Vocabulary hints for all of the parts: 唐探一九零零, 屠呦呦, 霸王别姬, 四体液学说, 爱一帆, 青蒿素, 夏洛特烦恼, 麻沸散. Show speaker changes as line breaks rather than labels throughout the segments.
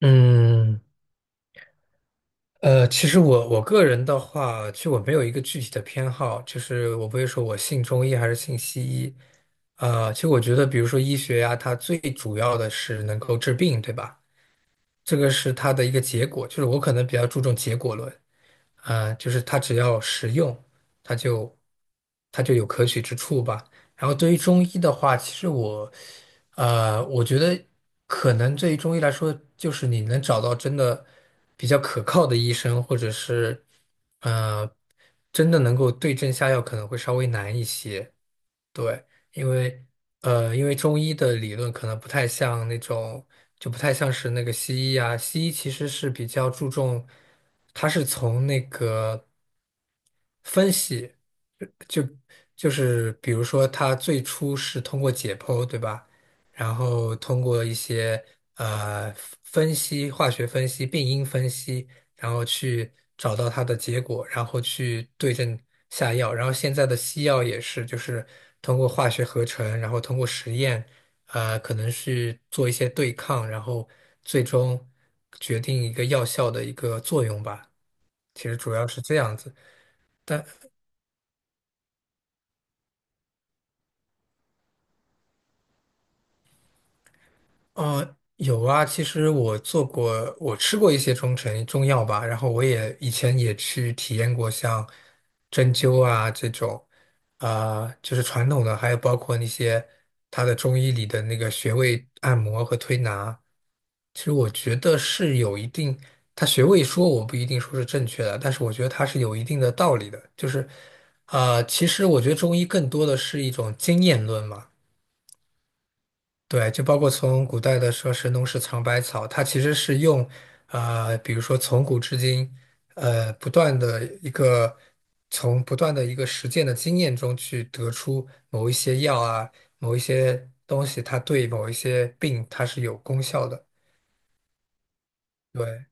嗯，其实我个人的话，其实我没有一个具体的偏好，就是我不会说我信中医还是信西医。其实我觉得，比如说医学呀，它最主要的是能够治病，对吧？这个是它的一个结果，就是我可能比较注重结果论。就是它只要实用，它就它就有可取之处吧。然后对于中医的话，其实我，我觉得可能对于中医来说，就是你能找到真的比较可靠的医生，或者是呃，真的能够对症下药，可能会稍微难一些。对，因为因为中医的理论可能不太像那种，就不太像是那个西医啊。西医其实是比较注重，它是从那个。就就是比如说，它最初是通过解剖，对吧？然后通过一些呃分析、化学分析、病因分析，然后去找到它的结果，然后去对症下药。然后现在的西药也是，就是通过化学合成，然后通过实验，可能是做一些对抗，然后最终决定一个药效的一个作用吧。其实主要是这样子。但。有啊，其实我做过，我吃过一些中成中药吧，然后我也以前也去体验过像针灸啊这种，啊、就是传统的，还有包括那些它的中医里的那个穴位按摩和推拿，其实我觉得是有一定，它穴位说我不一定说是正确的，但是我觉得它是有一定的道理的，就是，啊，其实我觉得中医更多的是一种经验论嘛。对，就包括从古代的说“神农氏尝百草”，它其实是用，比如说从古至今，不断的一个实践的经验中去得出某一些药啊，某一些东西，它对某一些病它是有功效的。对，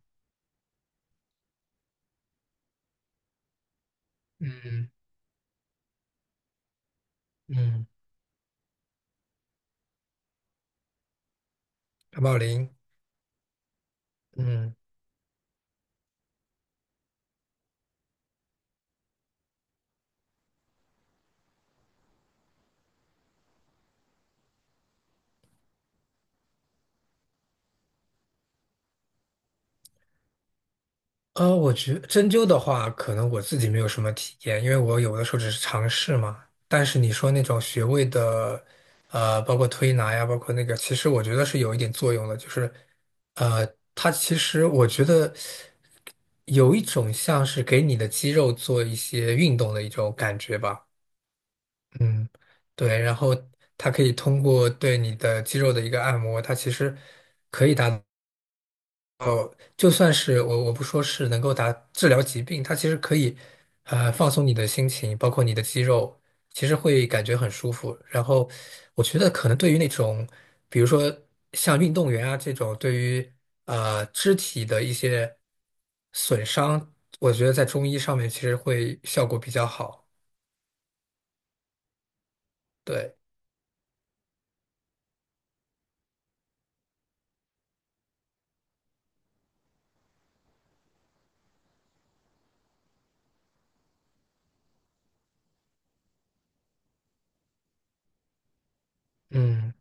嗯嗯，感冒灵，嗯。我觉针灸的话，可能我自己没有什么体验，因为我有的时候只是尝试嘛。但是你说那种穴位的，包括推拿呀，包括那个，其实我觉得是有一点作用的，就是，呃，它其实我觉得有一种像是给你的肌肉做一些运动的一种感觉吧。嗯，对，然后它可以通过对你的肌肉的一个按摩，它其实。就算是我不说是能够达治疗疾病，它其实可以，放松你的心情，包括你的肌肉，其实会感觉很舒服。然后，我觉得可能对于那种，比如说像运动员啊这种，对于肢体的一些损伤，我觉得在中医上面其实会效果比较好。对，嗯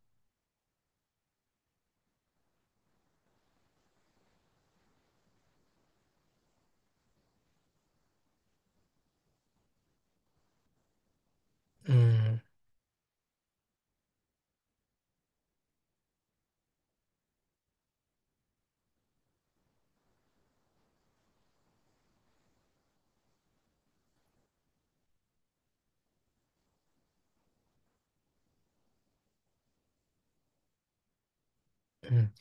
嗯嗯，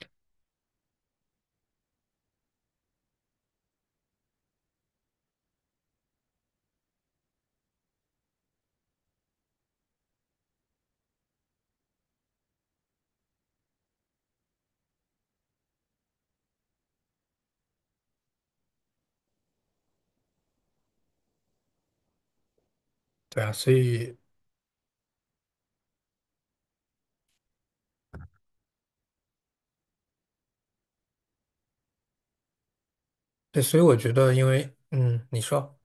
对啊，所以对，所以我觉得，因为嗯，你说，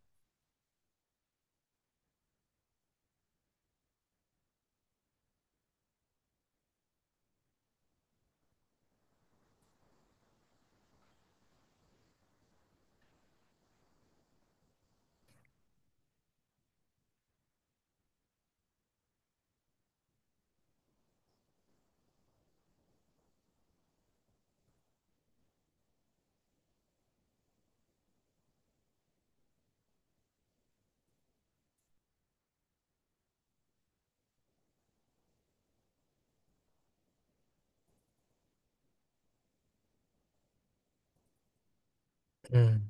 嗯。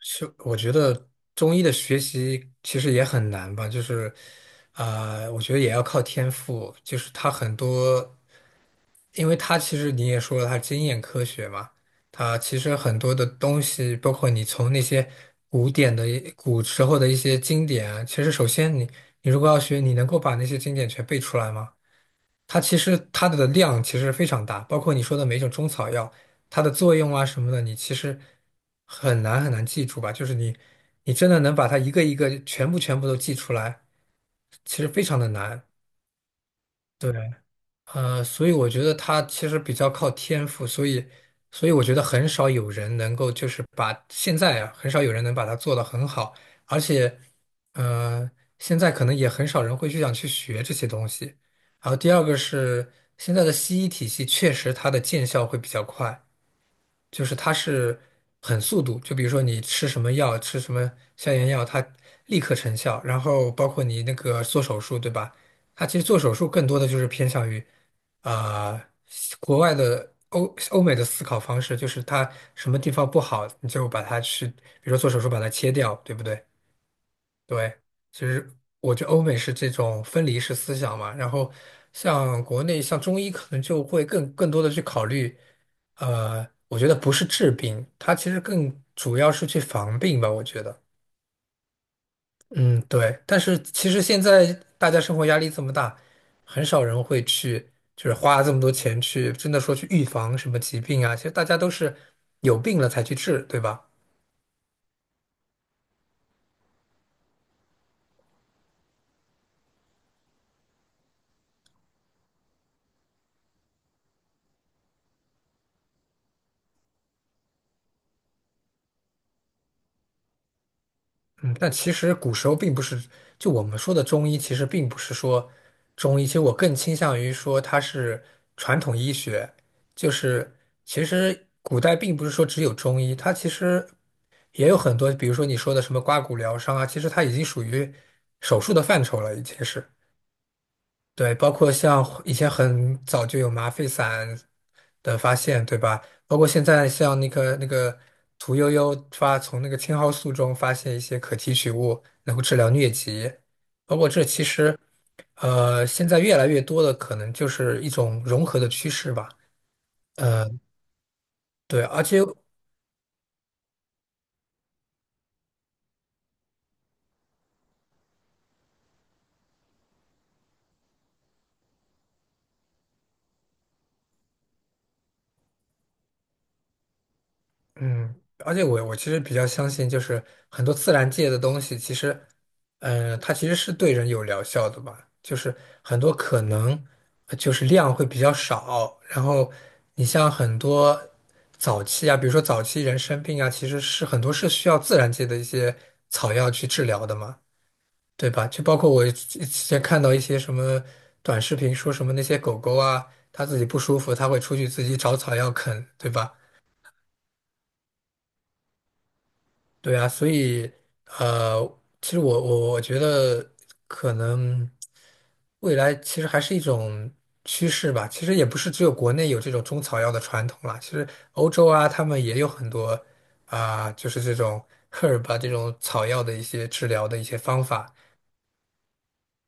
是，我觉得中医的学习其实也很难吧，就是，啊，我觉得也要靠天赋，就是它很多，因为它其实你也说了，它经验科学嘛，它其实很多的东西，包括你从那些古典的古时候的一些经典啊其实首先你如果要学，你能够把那些经典全背出来吗？它其实它的量其实非常大，包括你说的每一种中草药，它的作用啊什么的，你其实很难很难记住吧？就是你，你真的能把它一个一个全部都记出来，其实非常的难。对，所以我觉得他其实比较靠天赋，所以，所以我觉得很少有人能够就是把现在啊，很少有人能把它做得很好，而且，呃，现在可能也很少人会去想去学这些东西。然后第二个是现在的西医体系确实它的见效会比较快，就是它是很速度，就比如说你吃什么药，吃什么消炎药，它立刻成效。然后包括你那个做手术，对吧？它其实做手术更多的就是偏向于，呃，国外的欧美的思考方式，就是它什么地方不好，你就把它去，比如说做手术把它切掉，对不对？对，其实我觉得欧美是这种分离式思想嘛，然后像国内像中医可能就会更多的去考虑，我觉得不是治病，它其实更主要是去防病吧，我觉得。嗯，对。但是其实现在大家生活压力这么大，很少人会去就是花这么多钱去真的说去预防什么疾病啊，其实大家都是有病了才去治，对吧？嗯，但其实古时候并不是，就我们说的中医，其实并不是说中医，其实我更倾向于说它是传统医学，就是其实古代并不是说只有中医，它其实也有很多，比如说你说的什么刮骨疗伤啊，其实它已经属于手术的范畴了，已经是。对，包括像以前很早就有麻沸散的发现，对吧？包括现在像那个屠呦呦发从那个青蒿素中发现一些可提取物，能够治疗疟疾。包括这其实，现在越来越多的可能就是一种融合的趋势吧。对，而且嗯，而且我其实比较相信，就是很多自然界的东西，其实，嗯、它其实是对人有疗效的吧。就是很多可能，就是量会比较少。然后你像很多早期啊，比如说早期人生病啊，其实是很多是需要自然界的一些草药去治疗的嘛，对吧？就包括我之前看到一些什么短视频，说什么那些狗狗啊，它自己不舒服，它会出去自己找草药啃，对吧？对啊，所以呃，其实我觉得可能未来其实还是一种趋势吧。其实也不是只有国内有这种中草药的传统啦，其实欧洲啊，他们也有很多啊、就是这种 herb 啊这种草药的一些治疗的一些方法。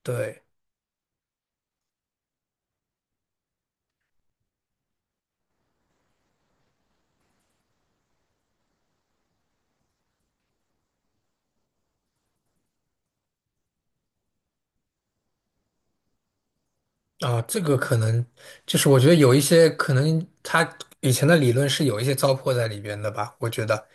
对。啊，这个可能就是我觉得有一些可能他以前的理论是有一些糟粕在里边的吧，我觉得，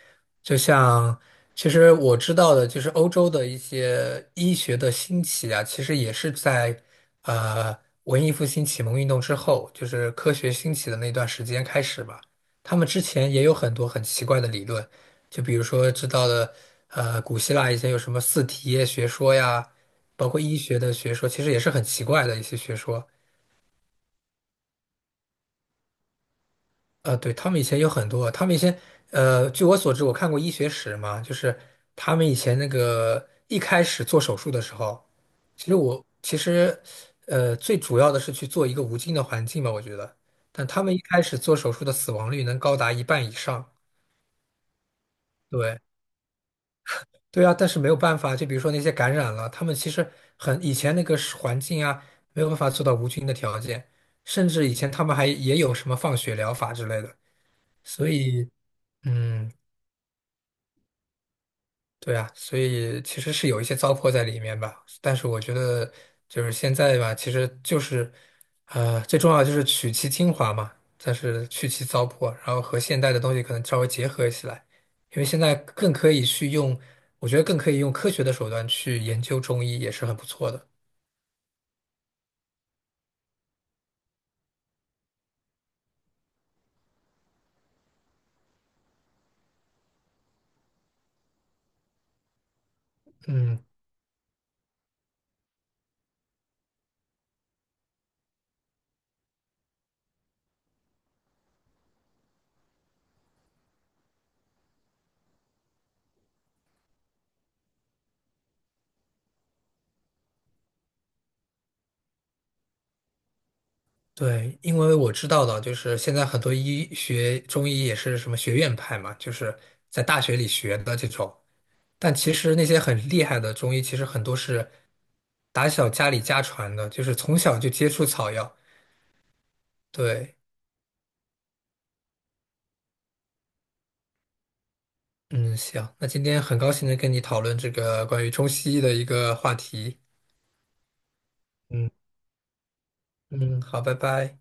就像其实我知道的，就是欧洲的一些医学的兴起啊，其实也是在呃文艺复兴启蒙运动之后，就是科学兴起的那段时间开始吧。他们之前也有很多很奇怪的理论，就比如说知道的古希腊以前有什么四体液学说呀，包括医学的学说，其实也是很奇怪的一些学说。对，他们以前有很多，他们以前，据我所知，我看过医学史嘛，就是他们以前那个一开始做手术的时候，其实我其实，最主要的是去做一个无菌的环境吧，我觉得，但他们一开始做手术的死亡率能高达一半以上，对，对啊，但是没有办法，就比如说那些感染了，他们其实很以前那个是环境啊，没有办法做到无菌的条件，甚至以前他们还也有什么放血疗法之类的，所以。嗯，对啊，所以其实是有一些糟粕在里面吧，但是我觉得就是现在吧，其实就是，最重要的就是取其精华嘛，但是去其糟粕，然后和现代的东西可能稍微结合起来，因为现在更可以去用，我觉得更可以用科学的手段去研究中医，也是很不错的。嗯，对，因为我知道的，就是现在很多医学中医也是什么学院派嘛，就是在大学里学的这种。但其实那些很厉害的中医，其实很多是打小家里家传的，就是从小就接触草药。对，嗯，行，那今天很高兴能跟你讨论这个关于中西医的一个话题。嗯，好，拜拜。